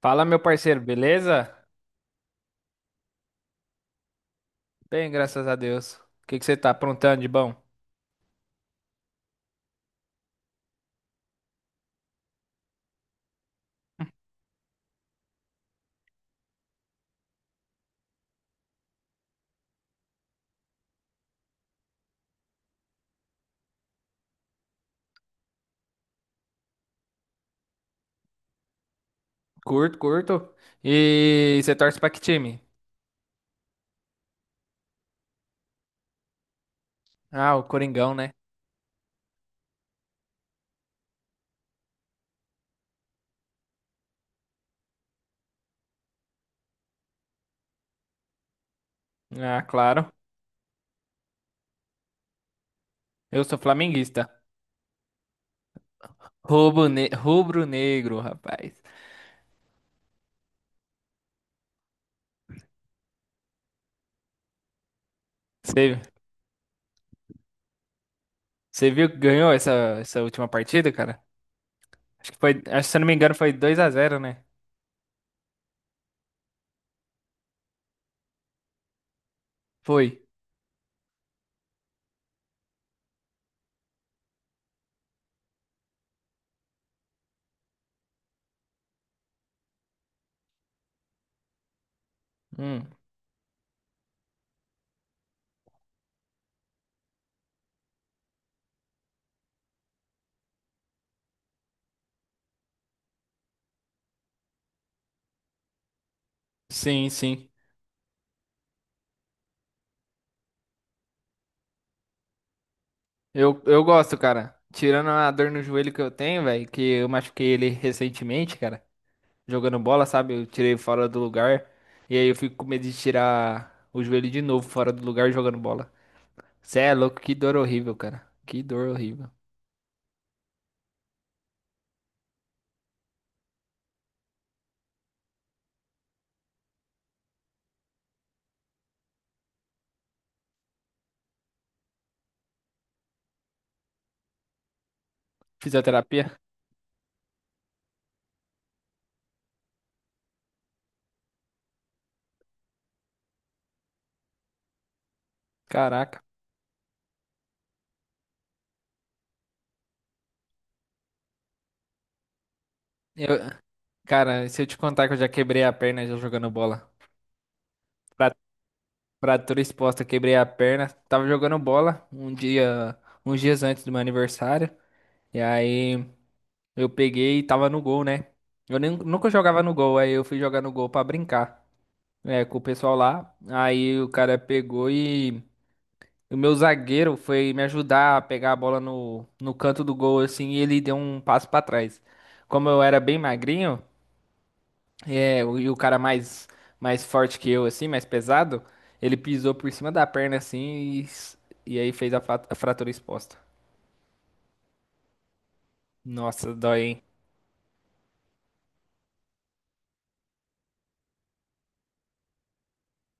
Fala, meu parceiro, beleza? Bem, graças a Deus. O que que você tá aprontando de bom? Curto, curto. E você torce pra que time? Ah, o Coringão, né? Ah, claro. Eu sou flamenguista. Rubro negro, rapaz. Você você viu que ganhou essa última partida, cara? Acho que, se eu não me engano, foi 2-0, né? Foi. Hum, sim, sim. Eu gosto, cara. Tirando a dor no joelho que eu tenho, velho, que eu machuquei ele recentemente, cara. Jogando bola, sabe? Eu tirei fora do lugar. E aí eu fico com medo de tirar o joelho de novo fora do lugar jogando bola. Cê é louco, que dor horrível, cara. Que dor horrível. Fisioterapia? Caraca. Eu, cara, se eu te contar que eu já quebrei a perna já jogando bola. Fra- Fratura exposta, quebrei a perna. Tava jogando bola um dia, uns dias antes do meu aniversário. E aí eu peguei e tava no gol, né? Eu nunca jogava no gol, aí eu fui jogar no gol pra brincar. É, com o pessoal lá. Aí o cara pegou e o meu zagueiro foi me ajudar a pegar a bola no canto do gol, assim, e ele deu um passo pra trás. Como eu era bem magrinho, é, e o cara mais, mais forte que eu, assim, mais pesado, ele pisou por cima da perna, assim, e aí fez a fratura exposta. Nossa, dói, hein?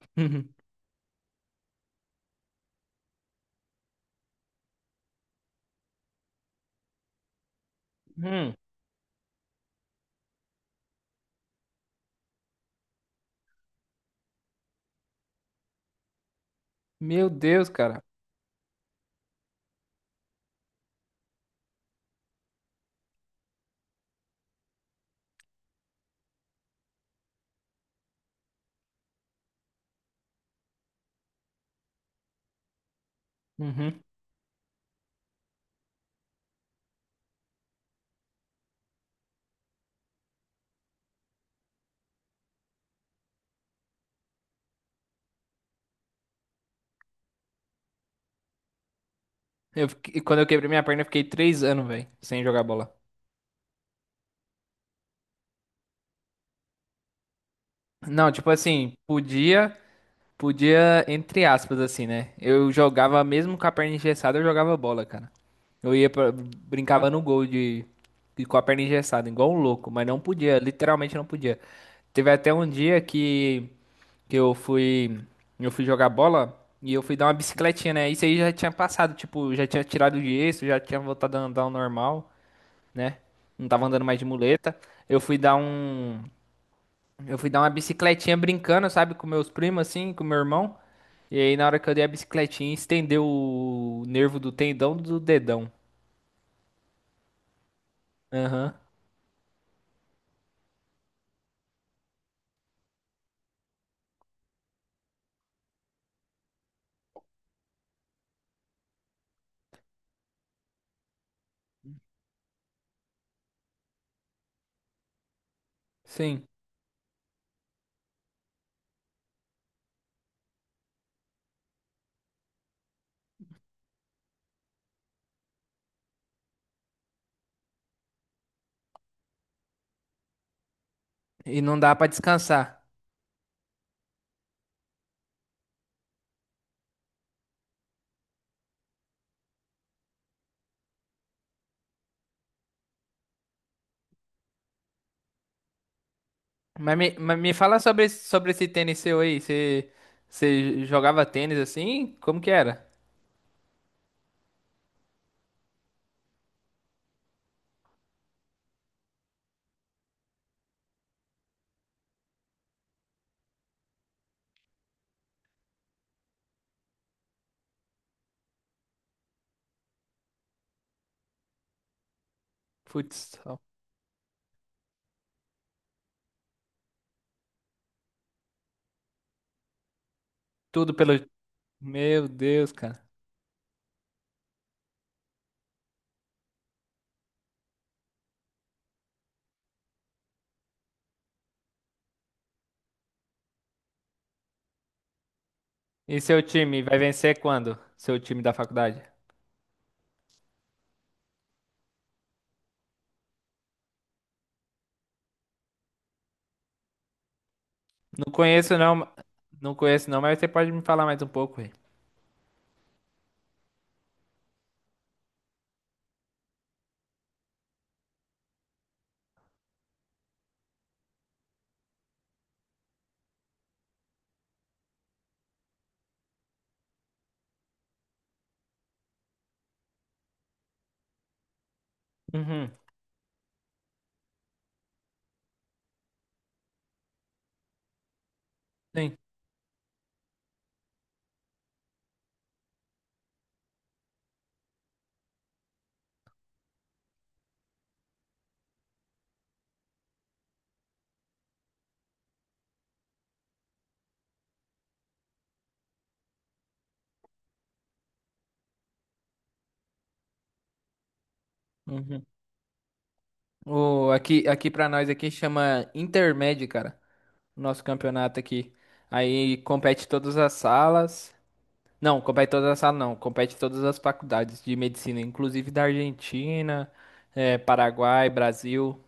Uhum. Hum, Meu Deus, cara. Uhum. Quando eu quebrei minha perna, eu fiquei 3 anos, velho, sem jogar bola. Não, tipo assim, podia. Podia, entre aspas, assim, né? Eu jogava, mesmo com a perna engessada, eu jogava bola, cara. Eu ia pra, brincava no gol com a perna engessada, igual um louco, mas não podia, literalmente não podia. Teve até um dia que eu fui jogar bola e eu fui dar uma bicicletinha, né? Isso aí já tinha passado, tipo, já tinha tirado o gesso, já tinha voltado a andar ao normal, né? Não tava andando mais de muleta. Eu fui dar um eu fui dar uma bicicletinha brincando, sabe, com meus primos, assim, com meu irmão. E aí, na hora que eu dei a bicicletinha, estendeu o nervo do tendão do dedão. Aham, sim. E não dá pra descansar. Mas me fala sobre, sobre esse tênis seu aí. Você, você jogava tênis assim? Como que era? Putz, tudo pelo. Meu Deus, cara. E seu time vai vencer quando? Seu time da faculdade? Não conheço não, ma- não conheço não, mas você pode me falar mais um pouco aí. Uhum, sim. O, aqui para nós aqui chama Intermédio, cara. Nosso campeonato aqui. Aí compete todas as salas. Não, compete todas as salas não, compete todas as faculdades de medicina, inclusive da Argentina, Paraguai, Brasil.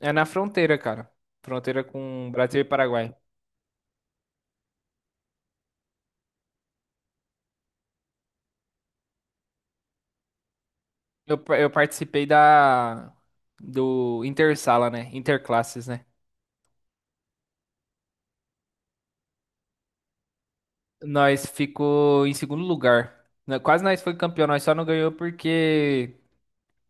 É na fronteira, cara. Fronteira com Brasil e Paraguai. Eu participei da do Intersala, né? Interclasses, né? Nós ficou em segundo lugar. Né, quase nós foi campeão, nós só não ganhou porque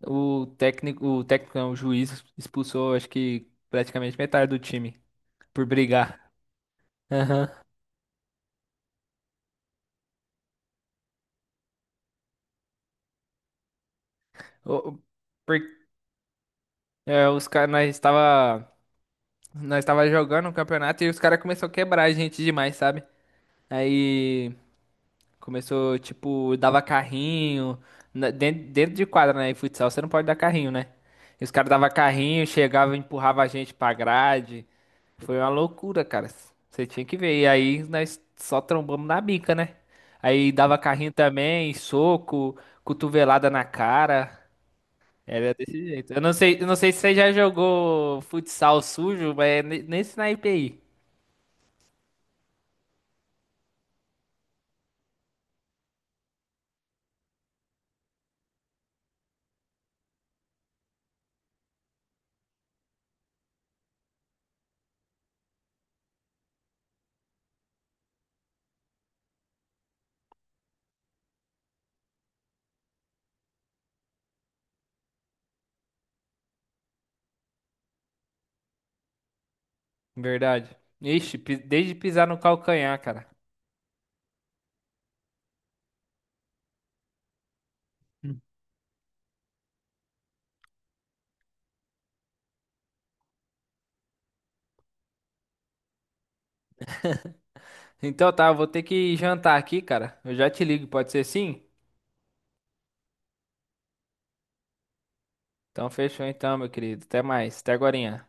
o técnico, o técnico, não, o juiz expulsou, acho que praticamente metade do time por brigar. Aham. O- por- os caras, nós estava jogando o campeonato e os caras começaram a quebrar a gente demais, sabe? Aí começou, tipo, dava carrinho, dentro de quadra, né? E futsal você não pode dar carrinho, né? E os caras dava carrinho, chegava, e empurrava a gente pra grade. Foi uma loucura, cara. Você tinha que ver. E aí nós só trombamos na bica, né? Aí dava carrinho também, soco, cotovelada na cara. Era desse jeito. Eu não sei se você já jogou futsal sujo, mas é nesse naipe aí. Verdade. Ixi, desde pisar no calcanhar, cara. Então tá, eu vou ter que jantar aqui, cara. Eu já te ligo, pode ser sim? Então fechou então, meu querido. Até mais. Até agorinha.